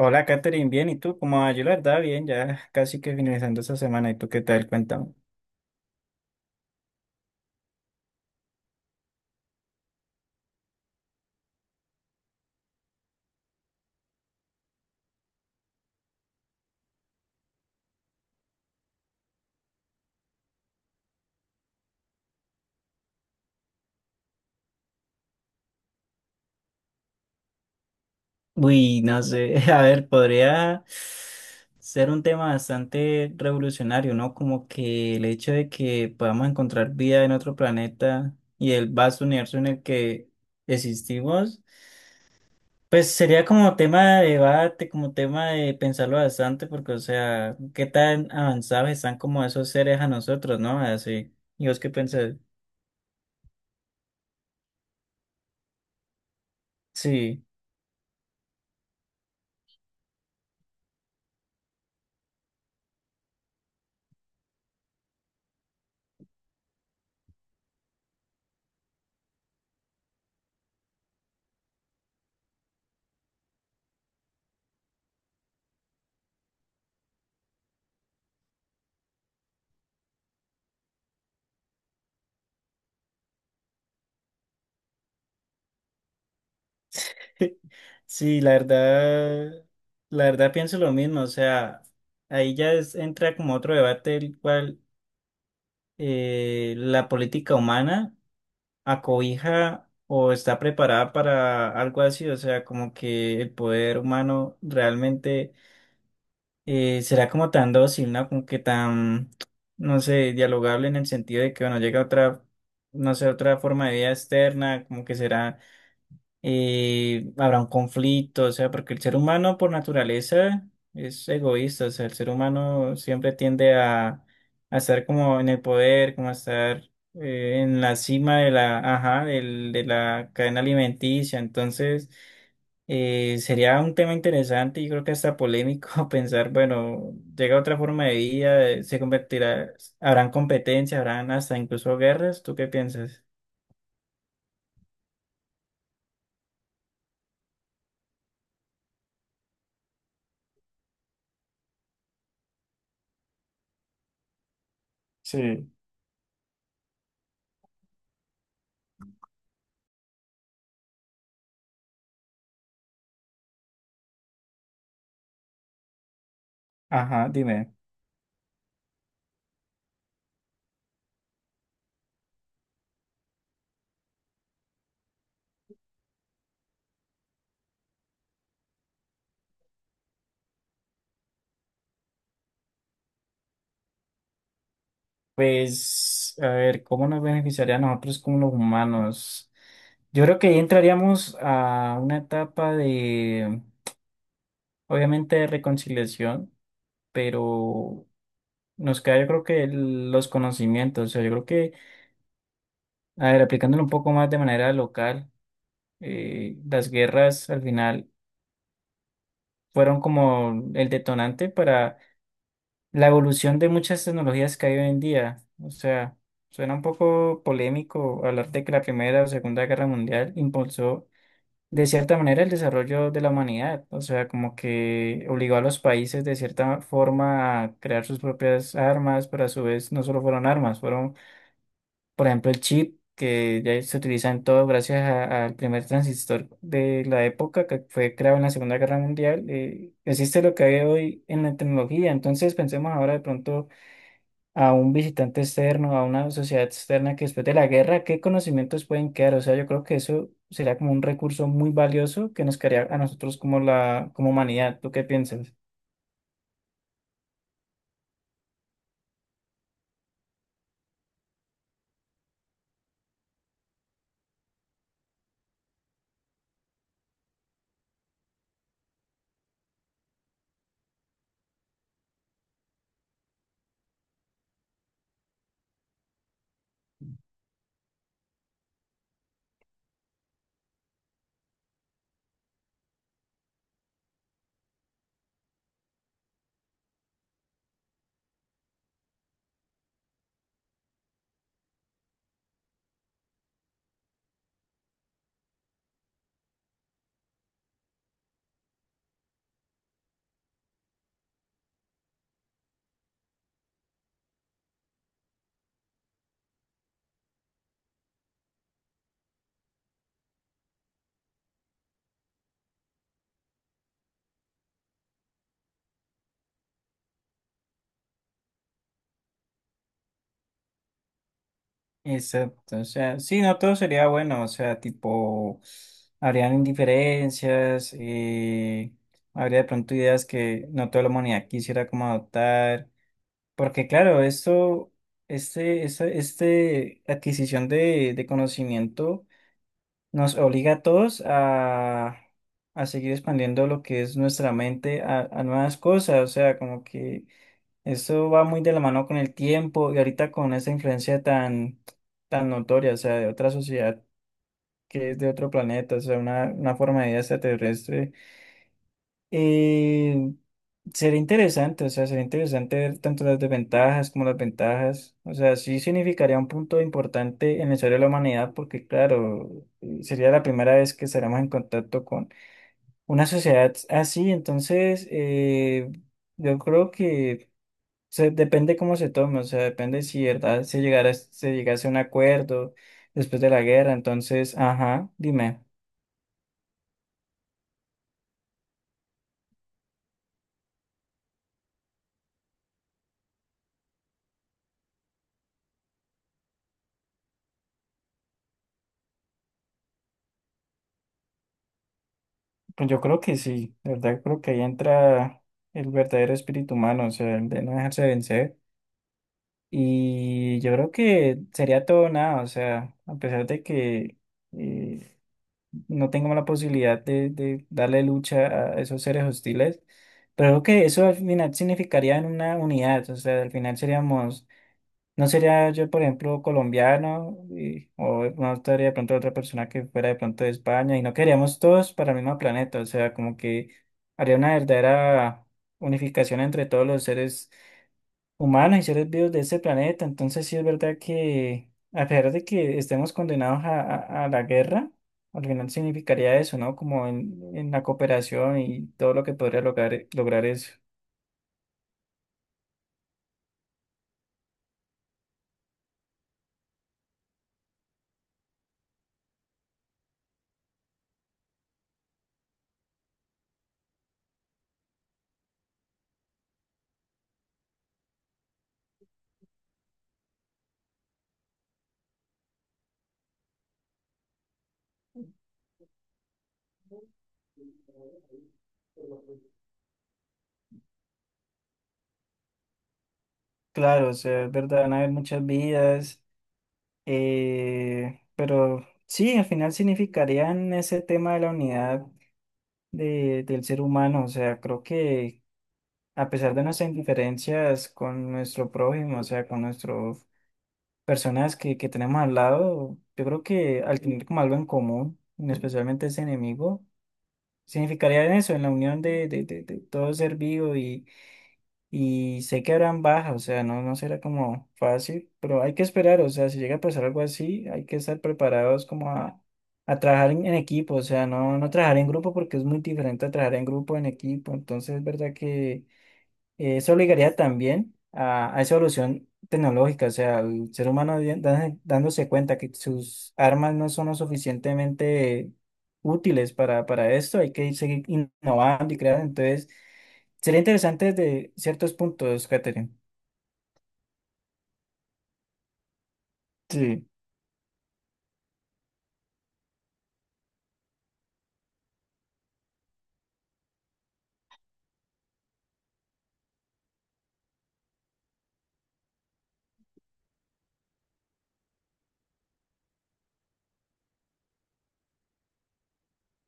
Hola, Katherine, bien, ¿y tú? ¿Cómo vas? Yo la verdad, bien, ya casi que finalizando esta semana, ¿y tú qué tal? Cuéntame. Uy, no sé, a ver, podría ser un tema bastante revolucionario, ¿no? Como que el hecho de que podamos encontrar vida en otro planeta y el vasto universo en el que existimos, pues sería como tema de debate, como tema de pensarlo bastante, porque, o sea, qué tan avanzados están como esos seres a nosotros, ¿no? Así, ¿y vos qué pensás? Sí. Sí, la verdad pienso lo mismo, o sea, ahí entra como otro debate el cual la política humana acobija o está preparada para algo así, o sea, como que el poder humano realmente será como tan dócil, ¿no? Como que tan, no sé, dialogable en el sentido de que, bueno, llega otra, no sé, otra forma de vida externa, como que será habrá un conflicto, o sea, porque el ser humano por naturaleza es egoísta, o sea, el ser humano siempre tiende a estar como en el poder, como a estar en la cima de la, ajá, de la cadena alimenticia, entonces sería un tema interesante y creo que hasta polémico pensar, bueno, llega otra forma de vida, se convertirá, habrán competencia, habrán hasta incluso guerras, ¿tú qué piensas? Sí. Ajá, dime. Pues, a ver, ¿cómo nos beneficiaría a nosotros como los humanos? Yo creo que ahí entraríamos a una etapa de, obviamente, de reconciliación, pero nos queda, yo creo que los conocimientos, o sea, yo creo que, a ver, aplicándolo un poco más de manera local, las guerras al final fueron como el detonante para la evolución de muchas tecnologías que hay hoy en día. O sea, suena un poco polémico hablar de que la Primera o Segunda Guerra Mundial impulsó de cierta manera el desarrollo de la humanidad. O sea, como que obligó a los países de cierta forma a crear sus propias armas, pero a su vez no solo fueron armas, fueron, por ejemplo, el chip, que ya se utiliza en todo gracias al primer transistor de la época que fue creado en la Segunda Guerra Mundial. Existe lo que hay hoy en la tecnología, entonces pensemos ahora de pronto a un visitante externo, a una sociedad externa que después de la guerra, ¿qué conocimientos pueden quedar? O sea, yo creo que eso sería como un recurso muy valioso que nos quedaría a nosotros como la, como humanidad. ¿Tú qué piensas? Exacto, o sea, sí, no todo sería bueno, o sea, tipo, habrían indiferencias, habría de pronto ideas que no toda la humanidad quisiera como adoptar, porque claro, esto, este, esta, este adquisición de conocimiento nos obliga a todos a seguir expandiendo lo que es nuestra mente a nuevas cosas, o sea, como que eso va muy de la mano con el tiempo y ahorita con esa influencia tan, tan notoria, o sea, de otra sociedad que es de otro planeta, o sea, una forma de vida extraterrestre. Eh, Sería interesante, o sea, sería interesante ver tanto las desventajas como las ventajas. O sea, sí significaría un punto importante en la historia de la humanidad, porque claro, sería la primera vez que estaremos en contacto con una sociedad así. Entonces, yo creo que se, depende cómo se tome, o sea, depende si verdad se llegara, se llegase a un acuerdo después de la guerra. Entonces, ajá, dime. Pues yo creo que sí, de verdad creo que ahí entra el verdadero espíritu humano, o sea, el de no dejarse vencer. Y yo creo que sería todo o nada, o sea, a pesar de que eh, no tengamos la posibilidad de darle lucha a esos seres hostiles, pero creo que eso al final significaría en una unidad, o sea, al final seríamos no sería yo, por ejemplo, colombiano, o no estaría de pronto otra persona que fuera de pronto de España, y no queríamos todos para el mismo planeta, o sea, como que haría una verdadera unificación entre todos los seres humanos y seres vivos de ese planeta. Entonces, sí es verdad que, a pesar de que estemos condenados a, a la guerra, al final significaría eso, ¿no? Como en la cooperación y todo lo que podría lograr, lograr eso. Claro, o sea, es verdad, van a haber muchas vidas. Pero sí, al final significarían ese tema de la unidad del ser humano. O sea, creo que a pesar de nuestras indiferencias con nuestro prójimo, o sea, con nuestras personas que tenemos al lado, yo creo que al tener como algo en común, y especialmente ese enemigo, significaría en eso, en la unión de todo ser vivo y sé que habrán bajas, o sea, no, no será como fácil, pero hay que esperar, o sea, si llega a pasar algo así, hay que estar preparados como a trabajar en equipo, o sea, no, no trabajar en grupo porque es muy diferente a trabajar en grupo, en equipo, entonces es verdad que eso obligaría también a esa evolución tecnológica, o sea, el ser humano dándose cuenta que sus armas no son lo suficientemente útiles para esto, hay que seguir innovando y creando. Entonces, sería interesante desde ciertos puntos, Catherine. Sí,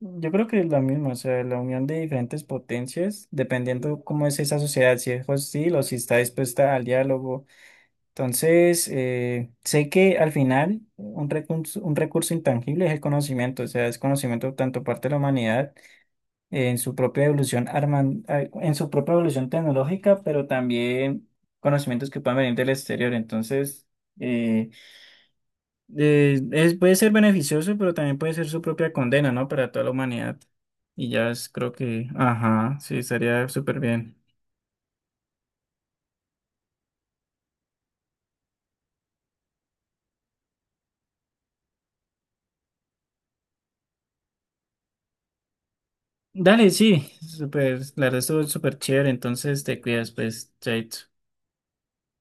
yo creo que es la misma, o sea, la unión de diferentes potencias, dependiendo cómo es esa sociedad, si es hostil o si está dispuesta al diálogo. Entonces, sé que al final un recurso intangible es el conocimiento, o sea, es conocimiento tanto parte de la humanidad en su propia evolución en su propia evolución tecnológica, pero también conocimientos que puedan venir del exterior. Entonces, eh, puede ser beneficioso, pero también puede ser su propia condena, ¿no? Para toda la humanidad. Y ya creo que, ajá, sí, estaría súper bien. Dale, sí, súper, la verdad estuvo súper chévere, entonces te cuidas, pues, chaito.